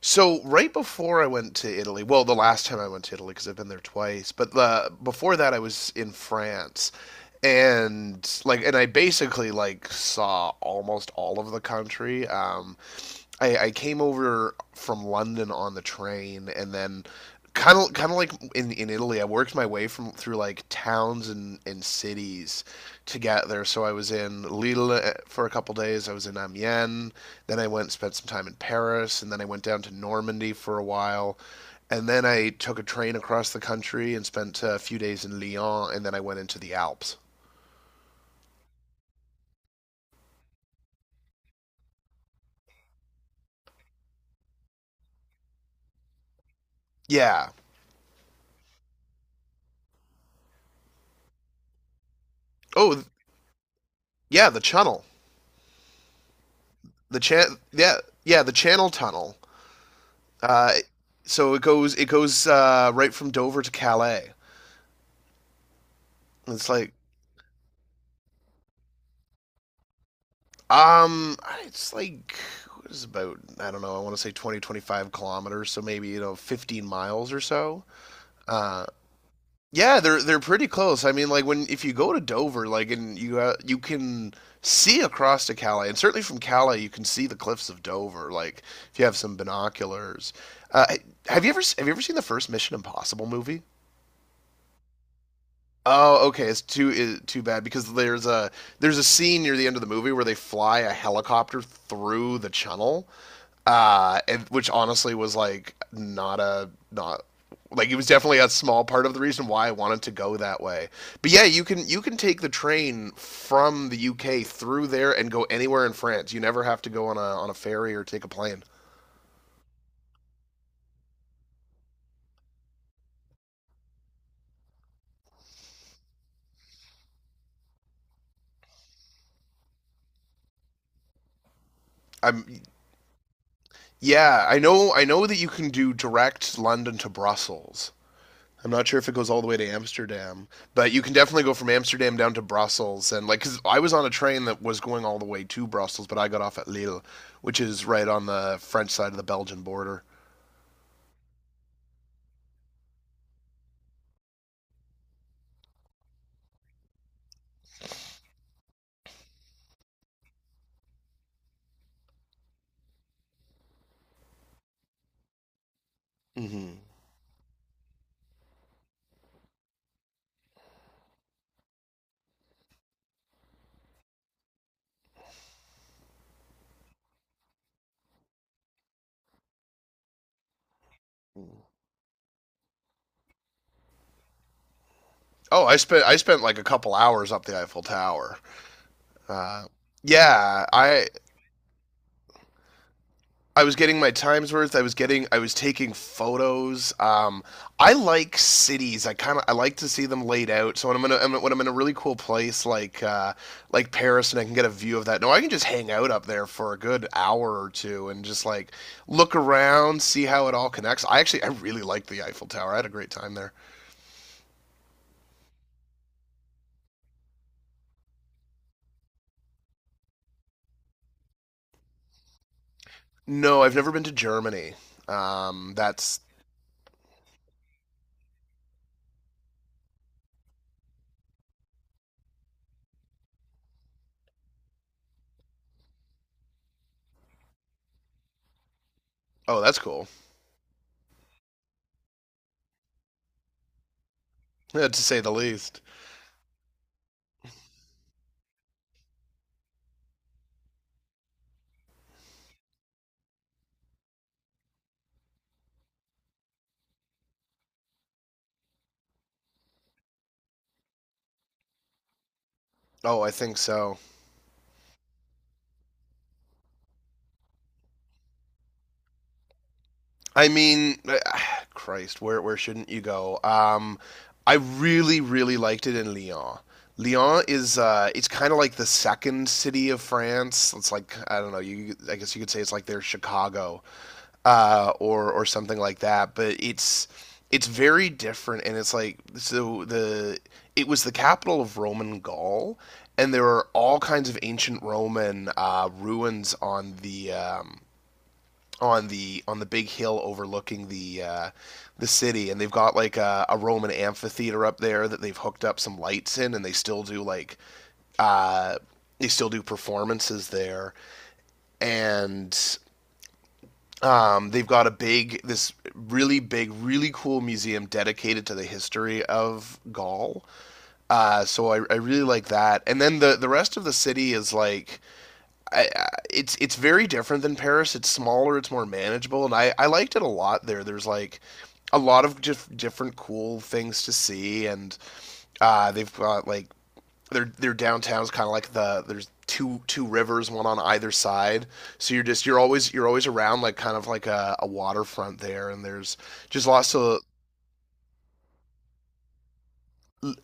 So right before I went to Italy, well, the last time I went to Italy because I've been there twice, but before that I was in France, and, like, and I basically like saw almost all of the country. I came over from London on the train, and then kind of like in Italy, I worked my way from through like towns and cities to get there. So I was in Lille for a couple days. I was in Amiens. Then I went and spent some time in Paris, and then I went down to Normandy for a while. And then I took a train across the country and spent a few days in Lyon, and then I went into the Alps. Yeah. Oh, yeah, the Channel. The chan Yeah, yeah, the Channel Tunnel. Uh, so it goes right from Dover to Calais. it's like um, it's like, what is it, about, I don't know. I want to say 20, 25 kilometers, so maybe 15 miles or so. Uh, yeah, they're pretty close. I mean, like when if you go to Dover, like, and you can see across to Calais, and certainly from Calais you can see the cliffs of Dover. Like, if you have some binoculars. Uh, have you ever seen the first Mission Impossible movie? Oh, okay. It's too bad because there's a scene near the end of the movie where they fly a helicopter through the channel, and which honestly was like not a not like it was definitely a small part of the reason why I wanted to go that way. But yeah, you can take the train from the UK through there and go anywhere in France. You never have to go on a ferry or take a plane. I'm yeah, I know that you can do direct London to Brussels. I'm not sure if it goes all the way to Amsterdam, but you can definitely go from Amsterdam down to Brussels. And, like, cause I was on a train that was going all the way to Brussels, but I got off at Lille, which is right on the French side of the Belgian border. Hmm. Oh, I spent like a couple hours up the Eiffel Tower. Uh, yeah, I was getting my times worth. I was taking photos. I like cities. I kind of I like to see them laid out. So when I'm in a really cool place like Paris, and I can get a view of that. No, I can just hang out up there for a good hour or two and just like look around, see how it all connects. I actually I really like the Eiffel Tower. I had a great time there. No, I've never been to Germany. That's oh, that's cool. Yeah, to say the least. Oh, I think so. I mean, Christ, where shouldn't you go? I really really liked it in Lyon. Lyon is it's kind of like the second city of France. It's like, I don't know, You I guess you could say it's like their Chicago, or something like that. But it's very different, and it's like, so, the it was the capital of Roman Gaul, and there are all kinds of ancient Roman ruins on the big hill overlooking the city, and they've got like a Roman amphitheater up there that they've hooked up some lights in, and they still do uh, performances there, and they've got a big this really big, really cool museum dedicated to the history of Gaul. So I really like that, and then the rest of the city is like it's very different than Paris. It's smaller, it's more manageable, and I liked it a lot there. There's like a lot of just different cool things to see, and they've got like their downtown's kind of like there's two rivers, one on either side. So you're always around like kind of like a waterfront there, and there's just lots of,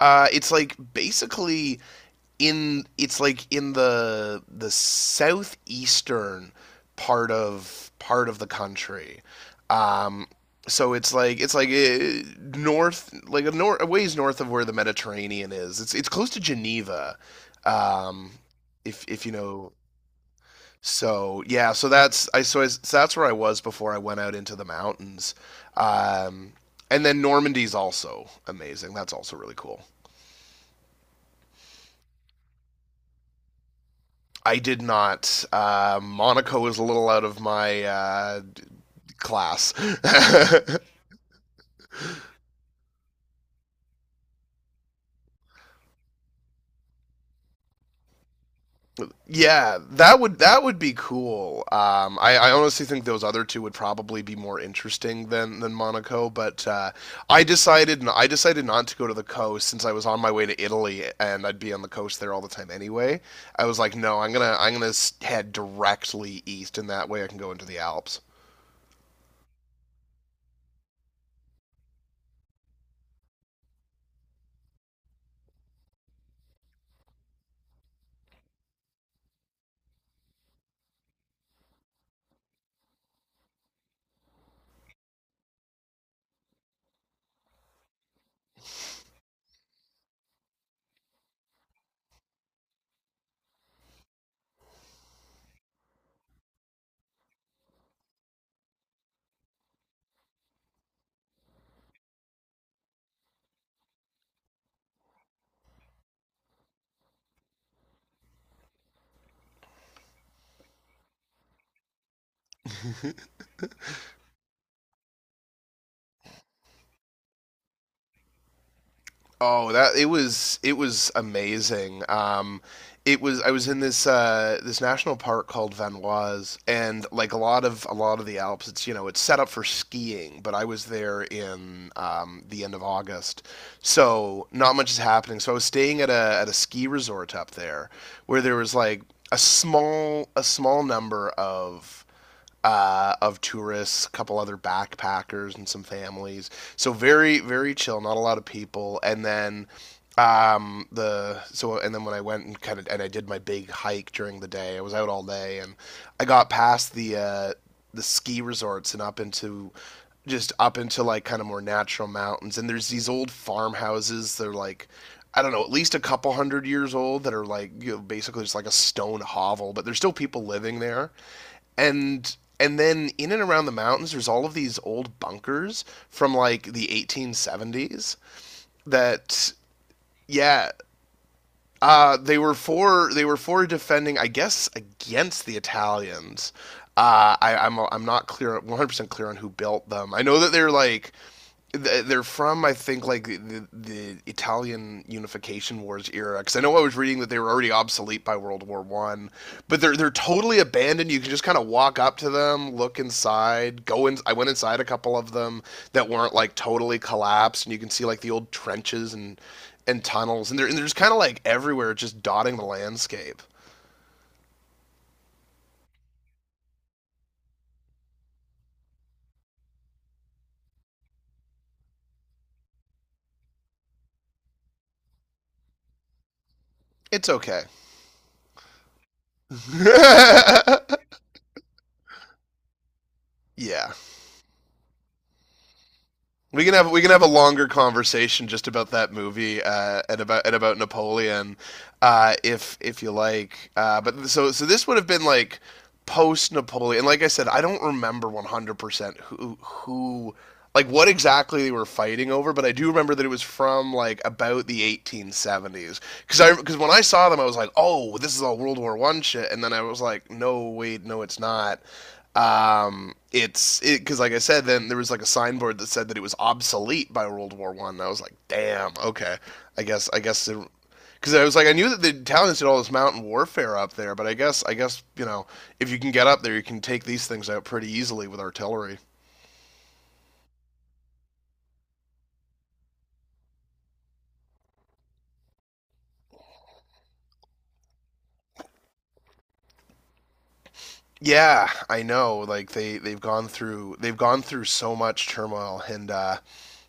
it's like basically in it's like in the southeastern part of the country. Um, so it's like north, like a, nor- a ways north of where the Mediterranean is. It's close to Geneva, um, if you know. So yeah, so that's where I was before I went out into the mountains, um, and then Normandy's also amazing. That's also really cool. I did not. Monaco is a little out of my class. Yeah, that would be cool. I honestly think those other two would probably be more interesting than Monaco. But I decided not to go to the coast since I was on my way to Italy and I'd be on the coast there all the time anyway. I was like, no, I'm gonna head directly east, and that way I can go into the Alps. Oh, that it was amazing. It was I was in this national park called Vanoise, and like a lot of the Alps, it's you know it's set up for skiing, but I was there in the end of August, so not much is happening. So I was staying at a ski resort up there, where there was like a small number of tourists, a couple other backpackers, and some families. So very, very chill, not a lot of people. And then the so and then when I went and kind of and I did my big hike during the day. I was out all day, and I got past the ski resorts and up into like kind of more natural mountains. And there's these old farmhouses. They're like, I don't know, at least a couple hundred years old, that are like, basically just like a stone hovel, but there's still people living there, and then in and around the mountains there's all of these old bunkers from like the 1870s that yeah they were for defending, I guess, against the Italians. I'm not clear 100% clear on who built them. I know that they're from, I think, like the Italian Unification Wars era. Because I know I was reading that they were already obsolete by World War I, but they're totally abandoned. You can just kind of walk up to them, look inside, go in. I went inside a couple of them that weren't like totally collapsed, and you can see like the old trenches and tunnels, and they're just kind of like everywhere, just dotting the landscape. It's okay. Yeah. We can have a longer conversation just about that movie, and about Napoleon, if you like. But so this would have been like post Napoleon. Like I said, I don't remember 100%, who like what exactly they were fighting over, but I do remember that it was from like about the 1870s. Because when I saw them, I was like, oh, this is all World War I shit, and then I was like, no, wait, no, it's not. It's it because, like I said, then there was like a signboard that said that it was obsolete by World War One. I was like, damn, okay, I guess, because I was like, I knew that the Italians did all this mountain warfare up there, but I guess, if you can get up there, you can take these things out pretty easily with artillery. Yeah, I know. Like they've gone through so much turmoil, and uh,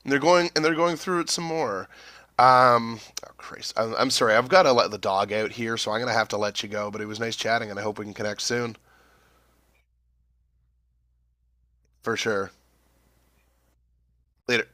And they're going through it some more. Um, oh, Christ, I'm sorry. I've got to let the dog out here, so I'm gonna have to let you go. But it was nice chatting, and I hope we can connect soon, for sure. Later.